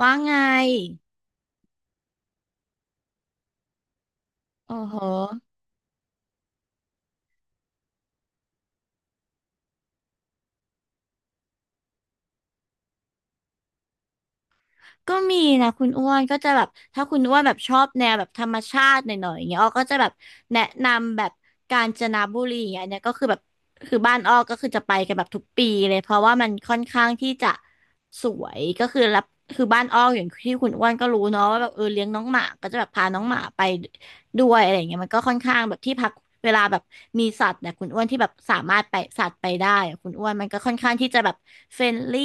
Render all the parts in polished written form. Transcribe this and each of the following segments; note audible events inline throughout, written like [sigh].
ว่าไงโอ้โหก็มีนะคุณอ้วนก็จะแบบถ้าคุณอ้วนแบบชอบแนวแบบธรรมชาติหน่อยๆอย่างเงี้ยอ้อก็จะแบบแนะนำแบบกาญจนบุรีอย่างเงี้ยอันเนี้ยก็คือแบบคือบ้านอ้อก็คือจะไปกันแบบทุกปีเลยเพราะว่ามันค่อนข้างที่จะสวยก็คือรับคือบ้านอ้ออย่างที่คุณอ้วนก็รู้เนาะว่าแบบเออเลี้ยงน้องหมาก็จะแบบพาน้องหมาไป ด้วยอะไรอย่างเงี้ยมันก็ค่อนข้างแบบที่พักเวลาแบบมีสัตว์เนี่ยคุณอ้วนที่แบบสามารถไปสัตว์ไปได้อะคุณอ้วนมันก็ค่อนข้างที่จะแบบเฟรนลี่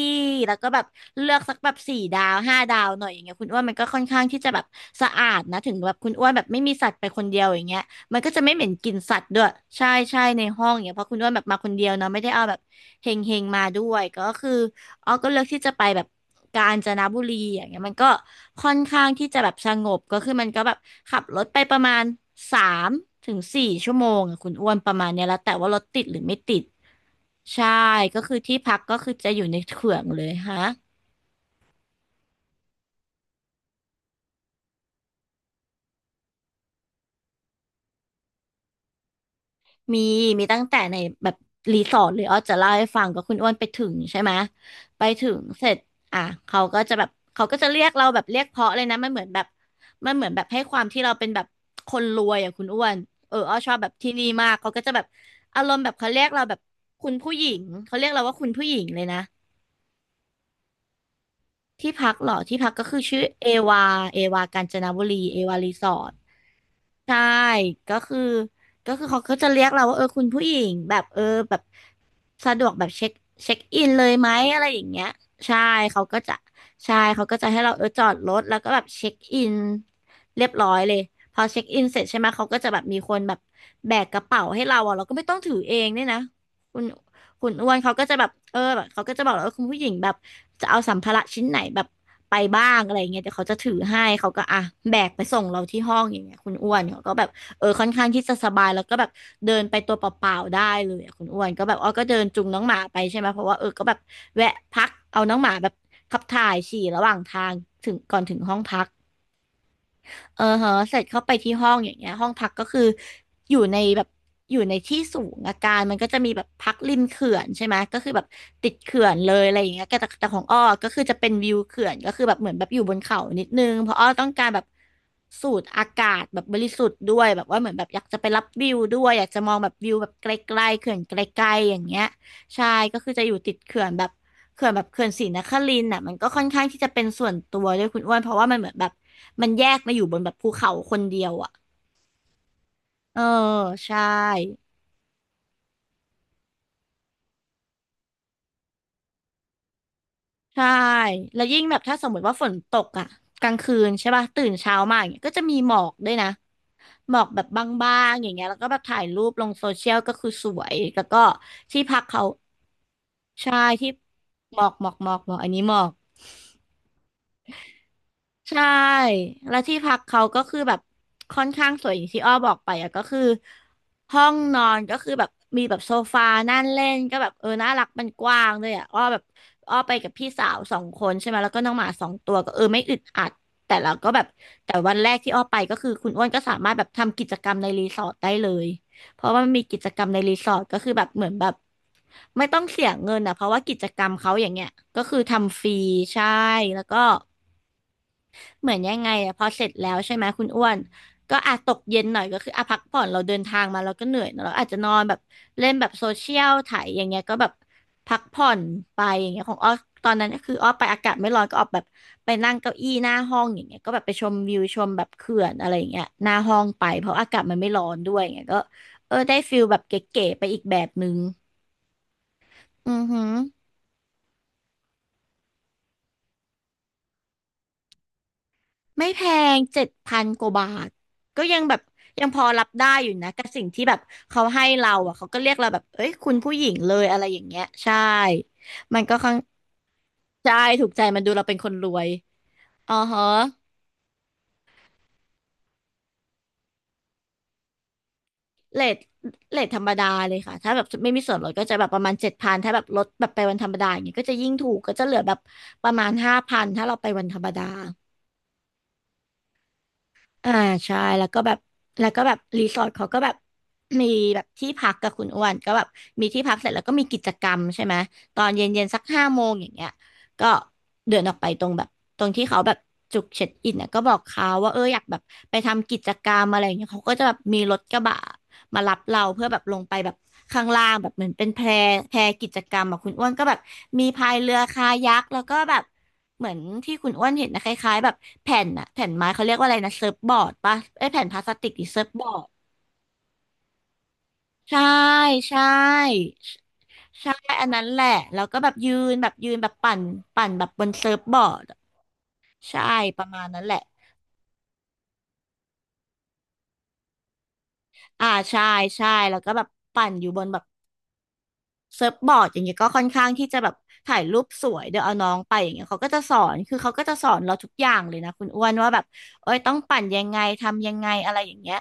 แล้วก็แบบเลือกสักแบบสี่ดาวห้าดาวหน่อยอย่างเงี้ยคุณอ้วนมันก็ค่อนข้างที่จะแบบสะอาดนะถึงแบบคุณอ้วนแบบไม่มีสัตว์ไปคนเดียวอย่างเงี้ยมันก็จะไม่เหม็นกลิ่นสัตว์ด้วยใช่ใช่ในห้องอย่างเงี้ยเพราะคุณอ้วนแบบมาคนเดียวเนาะไม่ได้เอาแบบเฮงเฮงมาด้วยก็คือ อ้อก็เลือกที่จะไปแบบกาญจนบุรีอย่างเงี้ยมันก็ค่อนข้างที่จะแบบสงบก็คือมันก็แบบขับรถไปประมาณสามถึงสี่ชั่วโมงอะคุณอ้วนประมาณเนี้ยแล้วแต่ว่ารถติดหรือไม่ติดใช่ก็คือที่พักก็คือจะอยู่ในเขื่องเลยฮะ มีมีตั้งแต่ในแบบรีสอร์ทเลยอ้อจะเล่าให้ฟังก็คุณอ้วนไปถึงใช่ไหมไปถึงเสร็จอ่ะเขาก็จะแบบเขาก็จะเรียกเราแบบเรียกเพราะเลยนะมันเหมือนแบบมันเหมือนแบบให้ความที่เราเป็นแบบคนรวยอ่ะคุณอ้วนเอออ้อชอบแบบที่นี่มากเขาก็จะแบบอารมณ์แบบเขาเรียกเราแบบคุณผู้หญิงเขาเรียกเราว่าคุณผู้หญิงเลยนะที่พักเหรอที่พักก็คือชื่อเอวาเอวากาญจนบุรีเอวารีสอร์ท ใช่ก็คือก็คือเขาก็จะเรียกเราว่าเออคุณผู้หญิงแบบเออแบบสะดวกแบบเช็คอินเลยไหมอะไรอย่างเงี้ย ใช่ เขาก็จะ ใช่ เขาก็จะให้เราเออจอดรถแล้วก็แบบเช็คอินเรียบร้อยเลย พอเช็คอินเสร็จใช่ไหมเขาก็จะแบบมีคนแบบแบกกระเป๋าให้เราอ่ะเราก็ไม่ต้องถือเองเนี่ยนะคุณ คุณอ้วนเขาก็จะแบบเออแบบเขาก็จะบอกแล้วว่าคุณผู้หญิงแบบจะเอาสัมภาระชิ้นไหนแบบไปบ้างอะไรอย่างเงี้ยเดี๋ยวเขาจะถือให้เขาก็อ่ะแบกไปส่งเราที่ห้องอย่างเงี้ยคุณอ้วนเขาก็แบบเออค่อนข้างที่จะสบายแล้วก็แบบเดินไปตัวเปล่าๆได้เลยอะคุณอ้วนก็แบบอ้อก็เดินจูงน้องหมาไปใช่ไหม เพราะว่าเออก็แบบแวะพักเอาน้องหมาแบบขับถ่ายฉี่ระหว่างทางถึงก่อนถึงห้องพัก เออเหอะเสร็จเข้าไปที่ห้องอย่างเงี้ยห้องพักก็คืออยู่ในแบบอยู่ในที่สูงอาการมันก็จะมีแบบพักริมเขื่อนใช่ไหมก็คือแบบติดเขื่อนเลยอะไรอย่างเงี้ยแต่ของอ้อก็คือจะเป็นวิวเขื่อนก็คือแบบเหมือนแบบอยู่บนเขานิดนึงเพราะอ้อต้องการแบบสูดอากาศแบบบริสุทธิ์ด้วยแบบว่าเหมือนแบบอยากจะไปรับวิวด้วยอยากจะมองแบบวิวแบบไกลๆเขื่อนไกลๆอย่างเงี้ย ใช่ก็คือจะอยู่ติดเขื่อนแบบเขื่อนแบบเขื่อนศรีนครินทร์น่ะมันก็ค่อนข้างที่จะเป็นส่วนตัวด้วยคุณอ้วนเพราะว่ามันเหมือนแบบมันแยกมาอยู่บนแบบภูเขาคนเดียวอ่ะเออใช่ใช่แล้วยิ่งแบบถ้าสมมติว่าฝนตกอ่ะกลางคืนใช่ป่ะตื่นเช้ามาอย่างเงี้ยก็จะมีหมอกด้วยนะหมอกแบบบางๆอย่างเงี้ยแล้วก็แบบถ่ายรูปลงโซเชียลก็คือสวยแล้วก็ที่พักเขาใช่ที่หมอกหมอกหมอกหมอกอันนี้หมอก ใช่แล้วที่พักเขาก็คือแบบค่อนข้างสวยอย่างที่อ้อบอกไปอ่ะก็คือห้องนอนก็คือแบบมีแบบโซฟานั่งเล่นก็แบบเออน่ารักมันกว้างด้วยอะอ้อแบบอ้อไปกับพี่สาวสองคนใช่ไหมแล้วก็น้องหมาสองตัวก็เออไม่อึดอัดแต่เราก็แบบแต่วันแรกที่อ้อไปก็คือคุณอ้วนก็สามารถแบบทำกิจกรรมในรีสอร์ทได้เลยเพราะว่ามันมีกิจกรรมในรีสอร์ทก็คือแบบเหมือนแบบไม่ต้องเสียเงินอ่ะเพราะว่ากิจกรรมเขาอย่างเงี้ยก็คือทำฟรีใช่แล้วก็ เหมือนยังไงอะพอเสร็จแล้วใช่ไหมคุณอ้วนก็อาจตกเย็นหน่อยก็คืออาพักผ่อนเราเดินทางมาเราก็เหนื่อยเนอะเราอาจจะนอนแบบเล่นแบบโซเชียลถ่ายอย่างเงี้ยก็แบบพักผ่อนไปอย่างเงี้ยของอ้อตอนนั้นก็คืออ้อไปอากาศไม่ร้อนก็ออกแบบไปนั่งเก้าอี้หน้าห้องอย่างเงี้ยก็แบบไปชมวิวชมแบบเขื่อนอะไรอย่างเงี้ยหน้าห้องไปเพราะอากาศมันไม่ร้อนด้วยอย่างเงี้ยก็เออได้ฟิลแบบเก๋ๆไปอีกแบบนึงอือหือ ไม่แพงเจ็ดพันกว่าบาทก็ยังแบบยังพอรับได้อยู่นะกับสิ่งที่แบบเขาให้เราอ่ะเขาก็เรียกเราแบบเอ้ยคุณผู้หญิงเลยอะไรอย่างเงี้ยใช่มันก็ค่อนใช่ถูกใจมันดูเราเป็นคนรวยอ๋อฮะเรทเรทธรรมดาเลยค่ะถ้าแบบไม่มีส่วนลดก็จะแบบประมาณเจ็ดพันถ้าแบบลดแบบไปวันธรรมดาอย่างเงี้ยก็จะยิ่งถูกก็จะเหลือแบบประมาณ5,000ถ้าเราไปวันธรรมดา อ่าใช่แล้วก็แบบแล้วก็แบบรีสอร์ทเขาก็แบบมีแบบที่พักกับคุณอ้วนก็แบบมีที่พักเสร็จแล้วก็มีกิจกรรมใช่ไหมตอนเย็นเย็นสัก5 โมงอย่างเงี้ยก็เดินออกไปตรงแบบตรงที่เขาแบบจุดเช็คอินเนี่ยก็บอกเขาว่าเอออยากแบบไปทำกิจกรรมอะไรอย่างเงี้ยเขาก็จะแบบมีรถกระบะ มารับเราเพื่อแบบลงไปแบบข้างล่างแบบเหมือนเป็นแพแพกิจกรรมอะคุณอ้วนก็แบบมีพายเรือคายักแล้วก็แบบเหมือนที่คุณอ้วนเห็นนะคล้ายๆแบบแผ่นไม้เขาเรียกว่าอะไรนะเซิร์ฟบอร์ดปะเอ้ยแผ่นพลาสติกหรือเซิร์ฟบอร์ดใช่ใช่ใช่อันนั้นแหละแล้วก็แบบยืนแบบปั่นแบบบนเซิร์ฟบอร์ดใช่ประมาณนั้นแหละอ่าใช่ใช่แล้วก็แบบปั่นอยู่บนแบบ เซิร์ฟบอร์ดอย่างเงี้ยก็ค่อนข้างที่จะแบบถ่ายรูปสวยเดี๋ยวเอาน้องไปอย่างเงี้ยเขาก็จะสอนคือเขาก็จะสอนเราทุกอย่างเลยนะคุณอ้วนว่าแบบเอ้ยต้องปั่นยังไงทำยังไงอะไรอย่างเงี้ย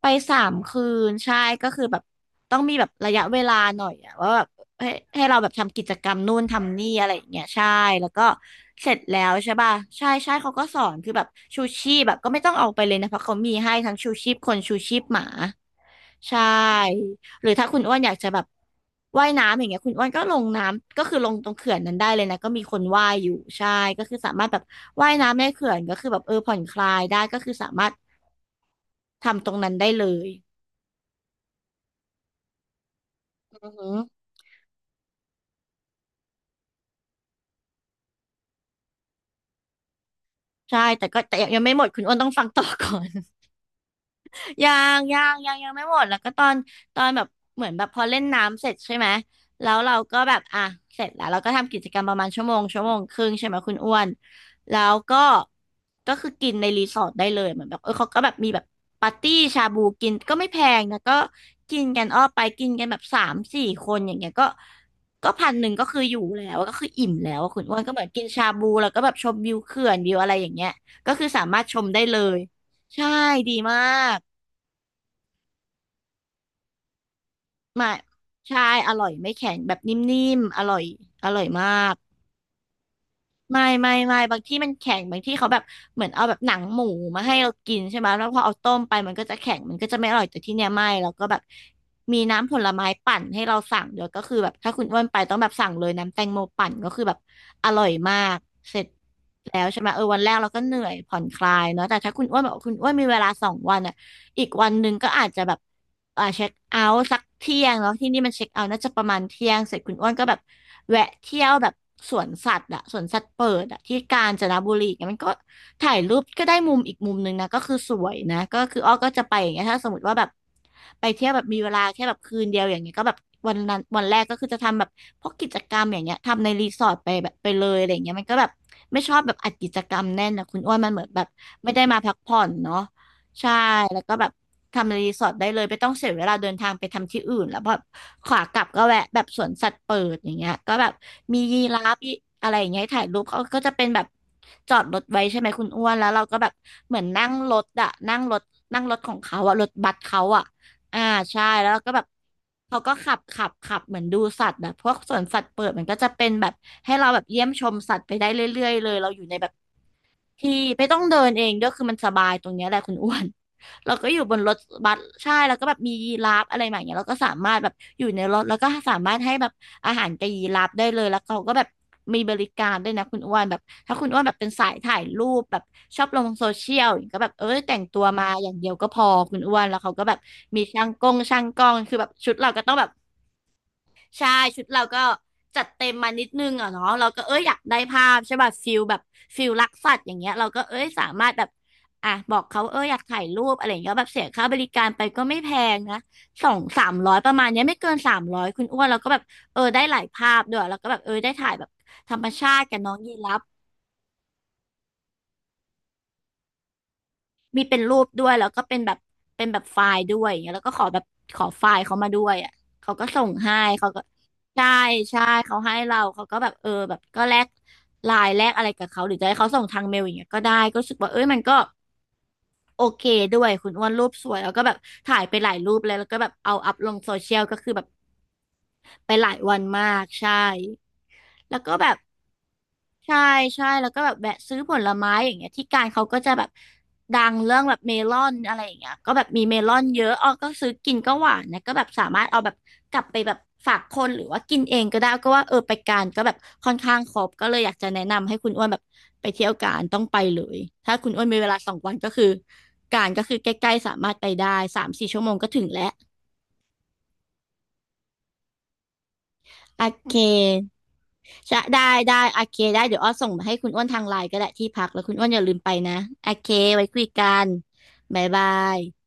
ไป3 คืนใช่ก็คือแบบต้องมีแบบระยะเวลาหน่อยอะว่าแบบให้ให้เราแบบทำกิจกรรมนู่นทำนี่อะไรอย่างเงี้ยใช่แล้วก็เสร็จแล้วใช่ป่ะใช่ใช่เขาก็สอนคือแบบชูชีพแบบก็ไม่ต้องเอาไปเลยนะเพราะเขามีให้ทั้งชูชีพคนชูชีพหมาใช่หรือถ้าคุณอ้วนอยากจะแบบว่ายน้ำอย่างเงี้ยคุณอ้วนก็ลงน้ำก็คือลงตรงเขื่อนนั้นได้เลยนะก็มีคนว่ายอยู่ใช่ก็คือสามารถแบบว่ายน้ำในเขื่อนก็คือแบบเออผ่อนคลายได้ก็คือสามารถทำตรงนั้นได้เลย อืมใช่แต่ก็แต่ยังไม่หมดคุณอ้วนต้องฟังต่อก่อน ยัยังไม่หมดแล้วก็ตอนแบบเหมือนแบบพอเล่นน้ำเสร็จใช่ไหมแล้วเราก็แบบอ่ะเสร็จแล้วเราก็ทำกิจกรรมประมาณชั่วโมงชั่วโมงครึ่งใช่ไหมคุณอ้วนแล้วก็ก็คือกินในรีสอร์ทได้เลยเหมือนแบบเออเขาก็แบบมีแบบปาร์ตี้ชาบูกินก็ไม่แพงนะก็กินกันอ้อไปกินกันแบบสามสี่คนอย่างเงี้ยก็พันหนึ่งก็คืออยู่แล้วก็คืออิ่มแล้วอะคุณอ้วนก็เหมือนกินชาบูแล้วก็แบบชมวิวเขื่อนวิวอะไรอย่างเงี้ยก็คือสามารถชมได้เลยใช่ดีมาก ไม่ใช่อร่อยไม่แข็งแบบนิ่มๆอร่อยอร่อยมากไม่ไม่ไม่บางที่มันแข็งบางที่เขาแบบเหมือนเอาแบบหนังหมูมาให้เรากินใช่ไหมแล้วพอเอาต้มไปมันก็จะแข็งมันก็จะไม่อร่อยแต่ที่เนี้ยไม่แล้วก็แบบมีน้ำผลไม้ปั่นให้เราสั่งเดี๋ยวก็คือแบบถ้าคุณอ้วนไปต้องแบบสั่งเลยน้ำแตงโมปั่นก็คือแบบอร่อยมากเสร็จแล้วใช่ไหมเออวันแรกเราก็เหนื่อยผ่อนคลายเนาะแต่ถ้าคุณอ้วนบอกว่าคุณอ้วนมีเวลา2 วันอะ อีกวันหนึ่งก็อาจจะแบบเช็คเอาท์สักเที่ยงเนาะที่นี่มันเช็คเอาท์น่าจะประมาณเที่ยงเสร็จคุณอ้วนก็แบบแวะเที่ยวแบบสวนสัตว์อะสวนสัตว์เปิดอะที่กาญจนบุรีเนี่ยมันก็ถ่ายรูปก็ได้มุมอีกมุมหนึ่งนะก็คือสวยนะก็คืออ้อก็จะไปอย่างเงี้ยถ้าสมมติว่าแบบไปเที่ยวแบบมีเวลาแค่แบบคืนเดียวอย่างเงี้ยก็แบบวันนั้นวันแรกก็คือจะทำแบบพวกกิจกรรมอย่างเงี้ยทำในรีสอร์ทไปแบบไปเลยอะไรอย่างเงี้ยมันก็แบบไม่ชอบแบบอัดกิจกรรมแน่นนะคุณอ้วนมันเหมือนแบบไม่ได้มาพักผ่อนเนาะ ใช่แล้วก็แบบทำรีสอร์ทได้เลยไม่ต้องเสียเวลาเดินทางไปทำที่อื่นแล้วแบบขวากลับก็แวะแบบสวนสัตว์เปิดอย่างเงี้ยก็แบบมียีราฟมีอะไรอย่างเงี้ยให้ถ่ายรูปเขาก็จะเป็นแบบจอดรถไว้ใช่ไหมคุณอ้วนแล้วเราก็แบบเหมือนนั่งรถอะนั่งรถของเขาอะรถบัสเขาอะอ่าใช่แล้วเราก็แบบเขาก็ขับเหมือนดูสัตว์แบบพวกสวนสัตว์เปิดมันก็จะเป็นแบบให้เราแบบเยี่ยมชมสัตว์ไปได้เรื่อยๆเลยเราอยู่ในแบบ ที่ไม่ต้องเดินเองด้วยคือมันสบายตรงเนี้ยแหละคุณอ้วน [laughs] เราก็อยู่บนรถบัสใช่แล้วก็แบบมียีราฟอะไรแบบเนี้ยเราก็สามารถแบบอยู่ในรถแล้วก็สามารถให้แบบอาหารกับยีราฟได้เลยแล้วเขาก็แบบมีบริการด้วยนะคุณอ้วนแบบถ้าคุณอ้วนแบบเป็นสายถ่ายรูปแบบชอบลงโซเชียลอย่างเงี้ยก็แบบเออแต่งตัวมาอย่างเดียวก็พอคุณอ้วนแล้วเขาก็แบบมีช่างกล้องคือแบบชุดเราก็ต้องแบบ ใช่ชุดเราก็จัดเต็มมานิดนึงอ่ะเนาะเราก็เอ้ยอยากได้ภาพใช่ป่ะฟิลแบบฟิลรักสัตว์อย่างเงี้ยเราก็เอ้ยสามารถแบบบอกเขาเอ้ยอยากถ่ายรูปอะไรอย่างเงี้ยแบบเสียค่าบริการไปก็ไม่แพงนะ200-300ประมาณเนี้ยไม่เกินสามร้อยคุณอ้วนเราก็แบบเออได้หลายภาพด้วยแล้วก็แบบเออได้ถ่ายแบบธรรมชาติกับน้องยีราฟ มีเป็นรูปด้วยแล้วก็เป็นแบบเป็นแบบไฟล์ด้วยอย่างเงี้ยแล้วก็ขอแบบขอไฟล์เขามาด้วยอ่ะเขาก็ส่งให้เขาก็ใช่ใช่เขาให้เราเขาก็แบบเออแบบก็แลกไลน์แลกอะไรกับเขาหรือจะให้เขาส่งทางเมลอย่างเงี้ยก็ได้ก็รู้สึกว่าเอ้ยมันก็โอเคด้วยคุณอ้วนรูปสวยแล้วก็แบบถ่ายไปหลายรูปเลยแล้วก็แบบเอาอัพลงโซเชียลก็คือแบบ ไปหลายวันมากใช่ แล้วก็แบบใช่ใช่แล้วก็แบบแวะซื้อผลไม้อย่างเงี้ยที่การเขาก็จะแบบดังเรื่องแบบเมลอนอะไรอย่างเงี้ยก็แบบมีเมลอนเยอะอ้อก็ซื้อกินก็หวานนะก็แบบสามารถเอาแบบกลับไปแบบฝากคนหรือว่ากินเองก็ได้ก็ว่าเออไปการก็แบบค่อนข้างครบก็เลยอยากจะแนะนำให้คุณอ้วนแบบไปเที่ยวการต้องไปเลยถ้าคุณอ้วนมีเวลา2 วันก็คือการก็คือใกล้ๆสามารถไปได้3-4 ชั่วโมงก็ถึงแล้วโอเค จะได้ได้โอเคได้เดี๋ยวอ้อส่งมาให้คุณอ้วนทางไลน์ก็ได้ที่พักแล้วคุณอ้วนอย่าลืมไปนะโอเคไว้คุยกันบ๊ายบาย